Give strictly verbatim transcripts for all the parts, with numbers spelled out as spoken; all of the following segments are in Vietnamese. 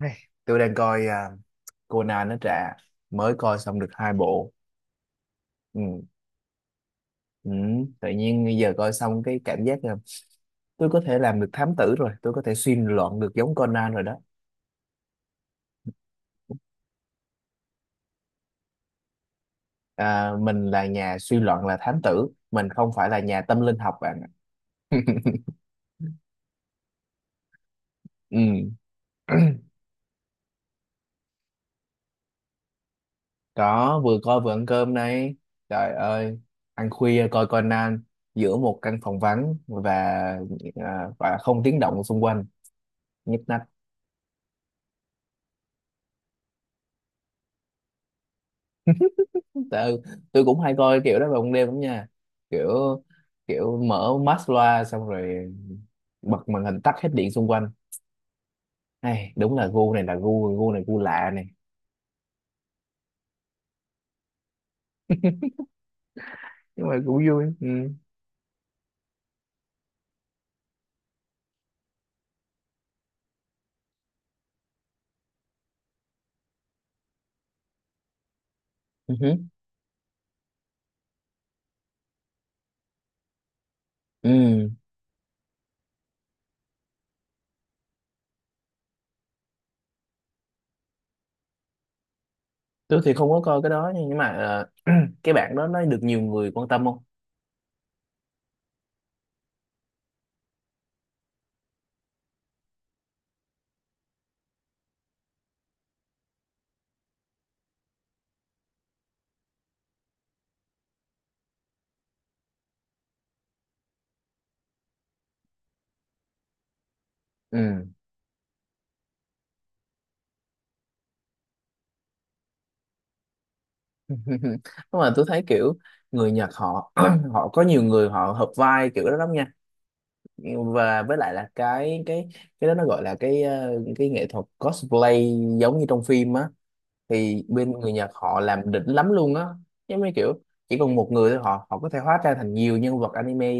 Hey, tôi đang coi à, Conan. Nó trả mới coi xong được hai bộ, ừ. Ừ, tự nhiên bây giờ coi xong cái cảm giác là tôi có thể làm được thám tử rồi, tôi có thể suy luận được giống Conan rồi đó. À, mình là nhà suy luận, là thám tử, mình không phải là nhà tâm linh học bạn ạ. Ừ. Có, vừa coi vừa ăn cơm này. Trời ơi, ăn khuya coi Conan giữa một căn phòng vắng và, à, và không tiếng động xung quanh, nhức nách. Tại, ừ, tôi cũng hay coi kiểu đó vào ban đêm lắm nha. Kiểu, kiểu mở mắt loa xong rồi bật màn hình, tắt hết điện xung quanh. Hay, đúng là gu này, là gu gu này gu lạ này. Nhưng mà cũng vui, ừ. Ừ hứ. Ừ, tôi thì không có coi cái đó nha, nhưng mà ờ, cái bạn đó nó được nhiều người quan tâm không? Ừ. Nhưng mà tôi thấy kiểu người Nhật họ họ có nhiều người họ hợp vai kiểu đó lắm nha. Và với lại là cái cái cái đó nó gọi là cái ờ, cái nghệ thuật cosplay, giống như trong phim á, thì bên người Nhật họ làm đỉnh lắm luôn á. Giống như kiểu chỉ còn một người thôi, họ họ có thể hóa ra thành nhiều nhân vật anime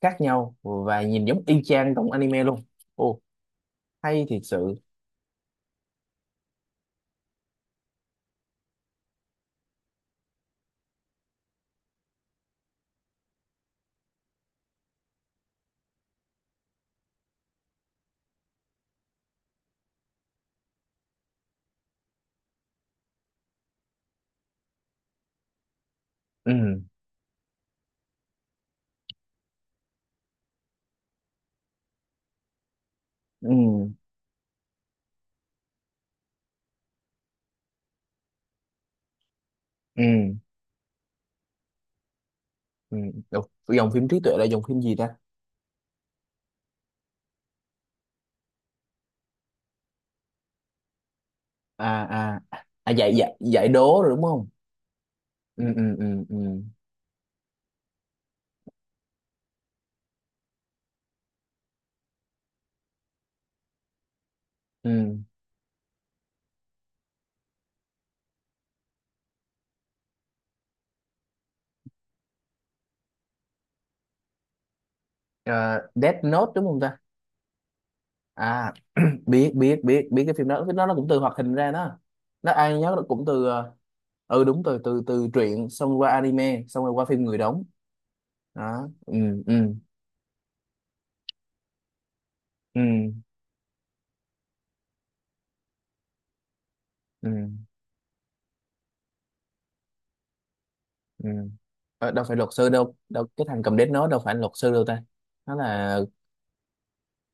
khác nhau, và nhìn giống y chang trong anime luôn. Ồ, hay thiệt sự. Ừ ừ ừ ừ Ủa, dòng phim trí tuệ là dòng phim gì ta? À à, à giải giải giải đố rồi đúng không. Ừ ừ ừ ừ ừ Ờ, Death Note đúng không ta? À, biết biết biết biết cái phim đó. Cái đó nó cũng từ hoạt hình ra đó. Nó ai nhớ nó cũng từ ờ, ừ, đúng, từ từ từ truyện xong qua anime xong rồi qua phim người đóng. Đó, ừ. Ừ ừ ừ ừ Ờ, đâu phải luật sư đâu, đâu, cái thằng cầm đét nó đâu phải là luật sư đâu ta. Nó là,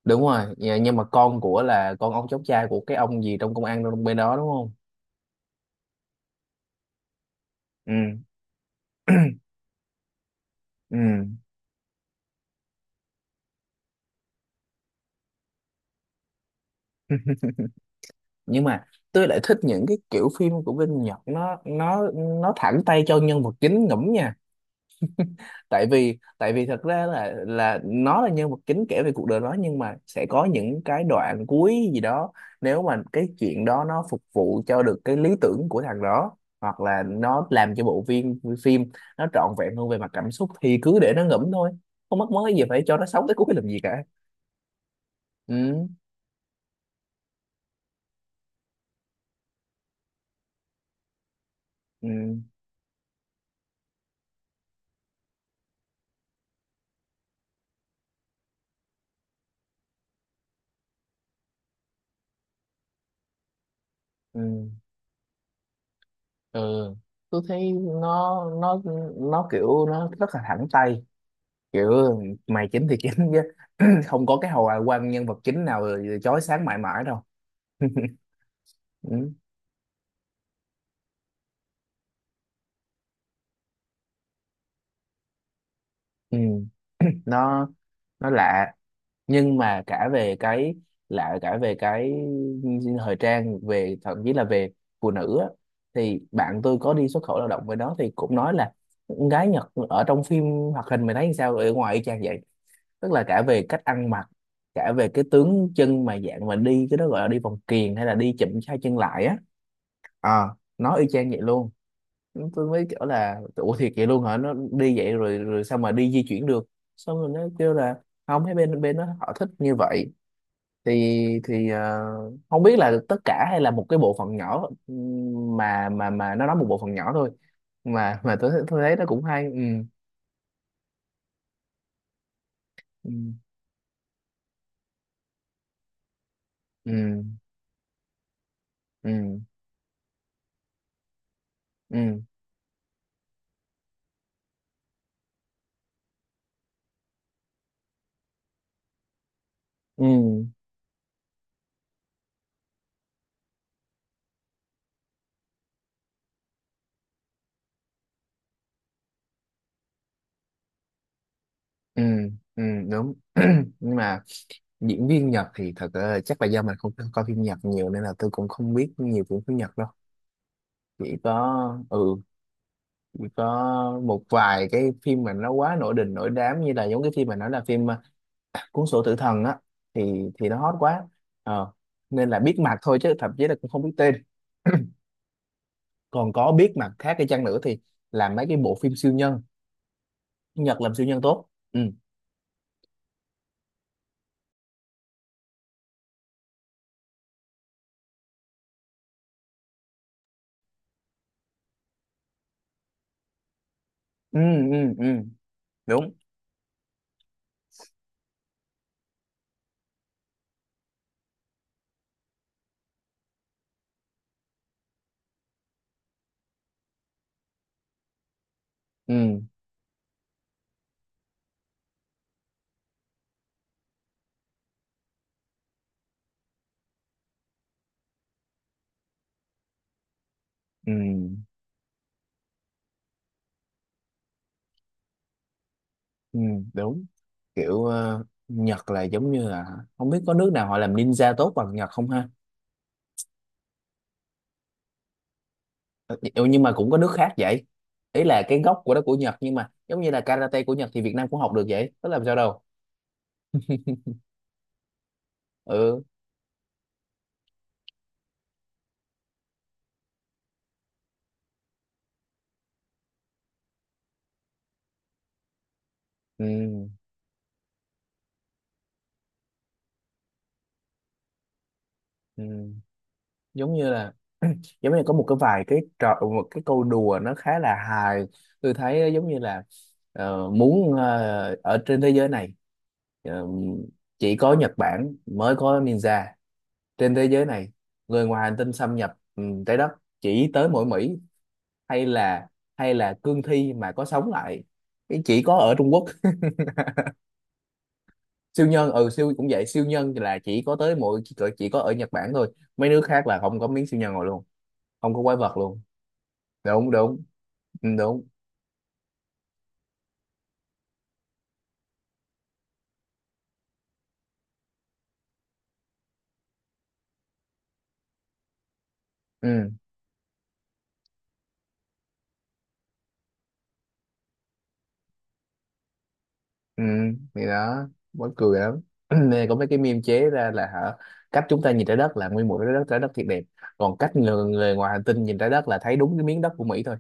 đúng rồi, dạ, nhưng mà con của là con ông cháu trai của cái ông gì trong công an trong bên đó đúng không. Ừ. Ừ. Nhưng mà tôi lại thích những cái kiểu phim của Vinh Nhật. Nó nó nó thẳng tay cho nhân vật chính ngẫm nha. Tại vì tại vì thật ra là, là nó là nhân vật chính kể về cuộc đời nó, nhưng mà sẽ có những cái đoạn cuối gì đó, nếu mà cái chuyện đó nó phục vụ cho được cái lý tưởng của thằng đó, hoặc là nó làm cho bộ phim phim nó trọn vẹn hơn về mặt cảm xúc, thì cứ để nó ngẫm thôi, không mất mớ gì phải cho nó sống tới cuối làm gì cả. Ừ ừ ừ ừ Tôi thấy nó nó nó kiểu nó rất là thẳng tay. Kiểu mày chính thì chính chứ. Không có cái hồi quan nhân vật chính nào chói sáng mãi mãi đâu. Ừ. Ừ, nó nó lạ. Nhưng mà cả về cái lạ, cả về cái thời trang, về thậm chí là về phụ nữ á, thì bạn tôi có đi xuất khẩu lao động với nó thì cũng nói là con gái Nhật ở trong phim hoạt hình mày thấy sao ở ngoài y chang vậy. Tức là cả về cách ăn mặc, cả về cái tướng chân mà dạng mà đi, cái đó gọi là đi vòng kiềng hay là đi chụm hai chân lại á. Ờ, nó y chang vậy luôn. Tôi mới kiểu là ủa thiệt vậy luôn hả, nó đi vậy rồi rồi sao mà đi di chuyển được. Xong rồi nó kêu là không, thấy bên bên nó họ thích như vậy. Thì thì ờ, không biết là tất cả hay là một cái bộ phận nhỏ, ừm, mà mà mà nó nói một bộ phận nhỏ thôi. Mà mà tôi tôi thấy nó cũng hay, ừ. Ừ ừ ừ ừ ừ ừ Ừ, đúng. Nhưng mà diễn viên Nhật thì thật, ờ, chắc là do mình không coi phim Nhật nhiều nên là tôi cũng không biết nhiều phim phim Nhật đâu. Chỉ có ừ, chỉ có một vài cái phim mà nó quá nổi đình nổi đám, như là giống cái phim mà nói là phim à, cuốn sổ tử thần á, thì thì nó hot quá. ờ Nên là biết mặt thôi, chứ thậm chí là cũng không biết tên. Còn có biết mặt khác đi chăng nữa thì làm mấy cái bộ phim siêu nhân. Nhật làm siêu nhân tốt. Ừ. ừ ừ, ừ. Đúng. Ừ ừ ừ Đúng. Kiểu ờ, Nhật là giống như là không biết có nước nào họ làm ninja tốt bằng Nhật không ha. Ừ, nhưng mà cũng có nước khác vậy. Ý là cái gốc của đó của Nhật, nhưng mà giống như là karate của Nhật thì Việt Nam cũng học được vậy, có làm sao đâu. Ừ. ừ ừ Giống như là, giống như có một cái vài cái trò, một cái câu đùa nó khá là hài. Tôi thấy nó giống như là ờ, muốn ờ, ở trên thế giới này, ờ, chỉ có Nhật Bản mới có ninja. Trên thế giới này người ngoài hành tinh xâm nhập ừ, trái đất chỉ tới mỗi Mỹ. Hay là, hay là cương thi mà có sống lại cái chỉ có ở Trung Quốc. Siêu nhân, ừ, siêu cũng vậy, siêu nhân là chỉ có tới mỗi chỉ, chỉ có ở Nhật Bản thôi. Mấy nước khác là không có miếng siêu nhân rồi luôn, không có quái vật luôn. Đúng, đúng. Ừ, đúng. Ừ. ừ thì đó, mắc cười lắm. Nên có mấy cái meme chế ra là hả, cách chúng ta nhìn trái đất là nguyên một trái đất, trái đất thiệt đẹp, còn cách người, người ngoài hành tinh nhìn trái đất là thấy đúng cái miếng đất của Mỹ thôi.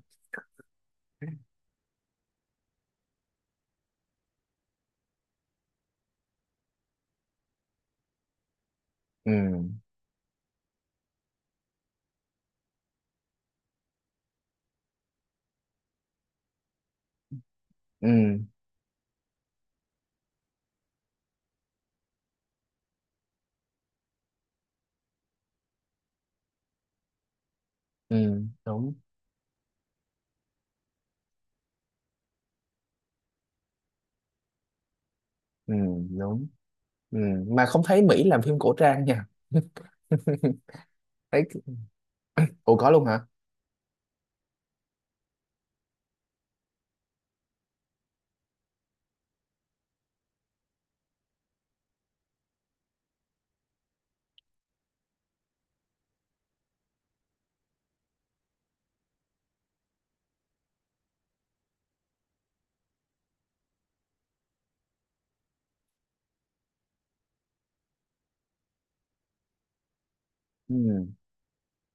Ừ ừ ừ Đúng. Ừ, đúng. Ừ, mà không thấy Mỹ làm phim cổ trang nha. Thấy, ủa có luôn hả? Ừ.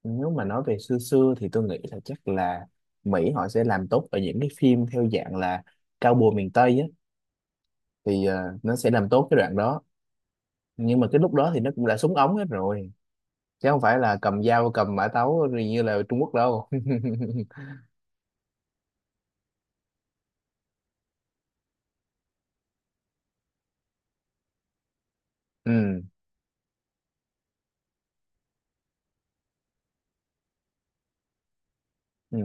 Nếu mà nói về xưa xưa thì tôi nghĩ là chắc là Mỹ họ sẽ làm tốt ở những cái phim theo dạng là cao bùa miền Tây á, thì ờ, nó sẽ làm tốt cái đoạn đó. Nhưng mà cái lúc đó thì nó cũng đã súng ống hết rồi, chứ không phải là cầm dao cầm mã tấu rồi như là Trung Quốc đâu. Ừ. Ừ,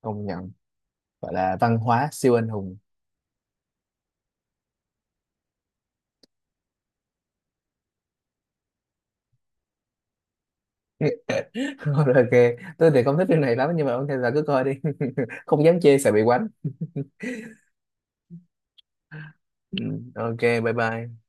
công nhận. Gọi là văn hóa siêu anh hùng. Ok. Tôi thì không thích phim này lắm, nhưng mà ok là cứ coi đi. Không dám chê, sợ bị quánh. Ừ, ok, bye bye.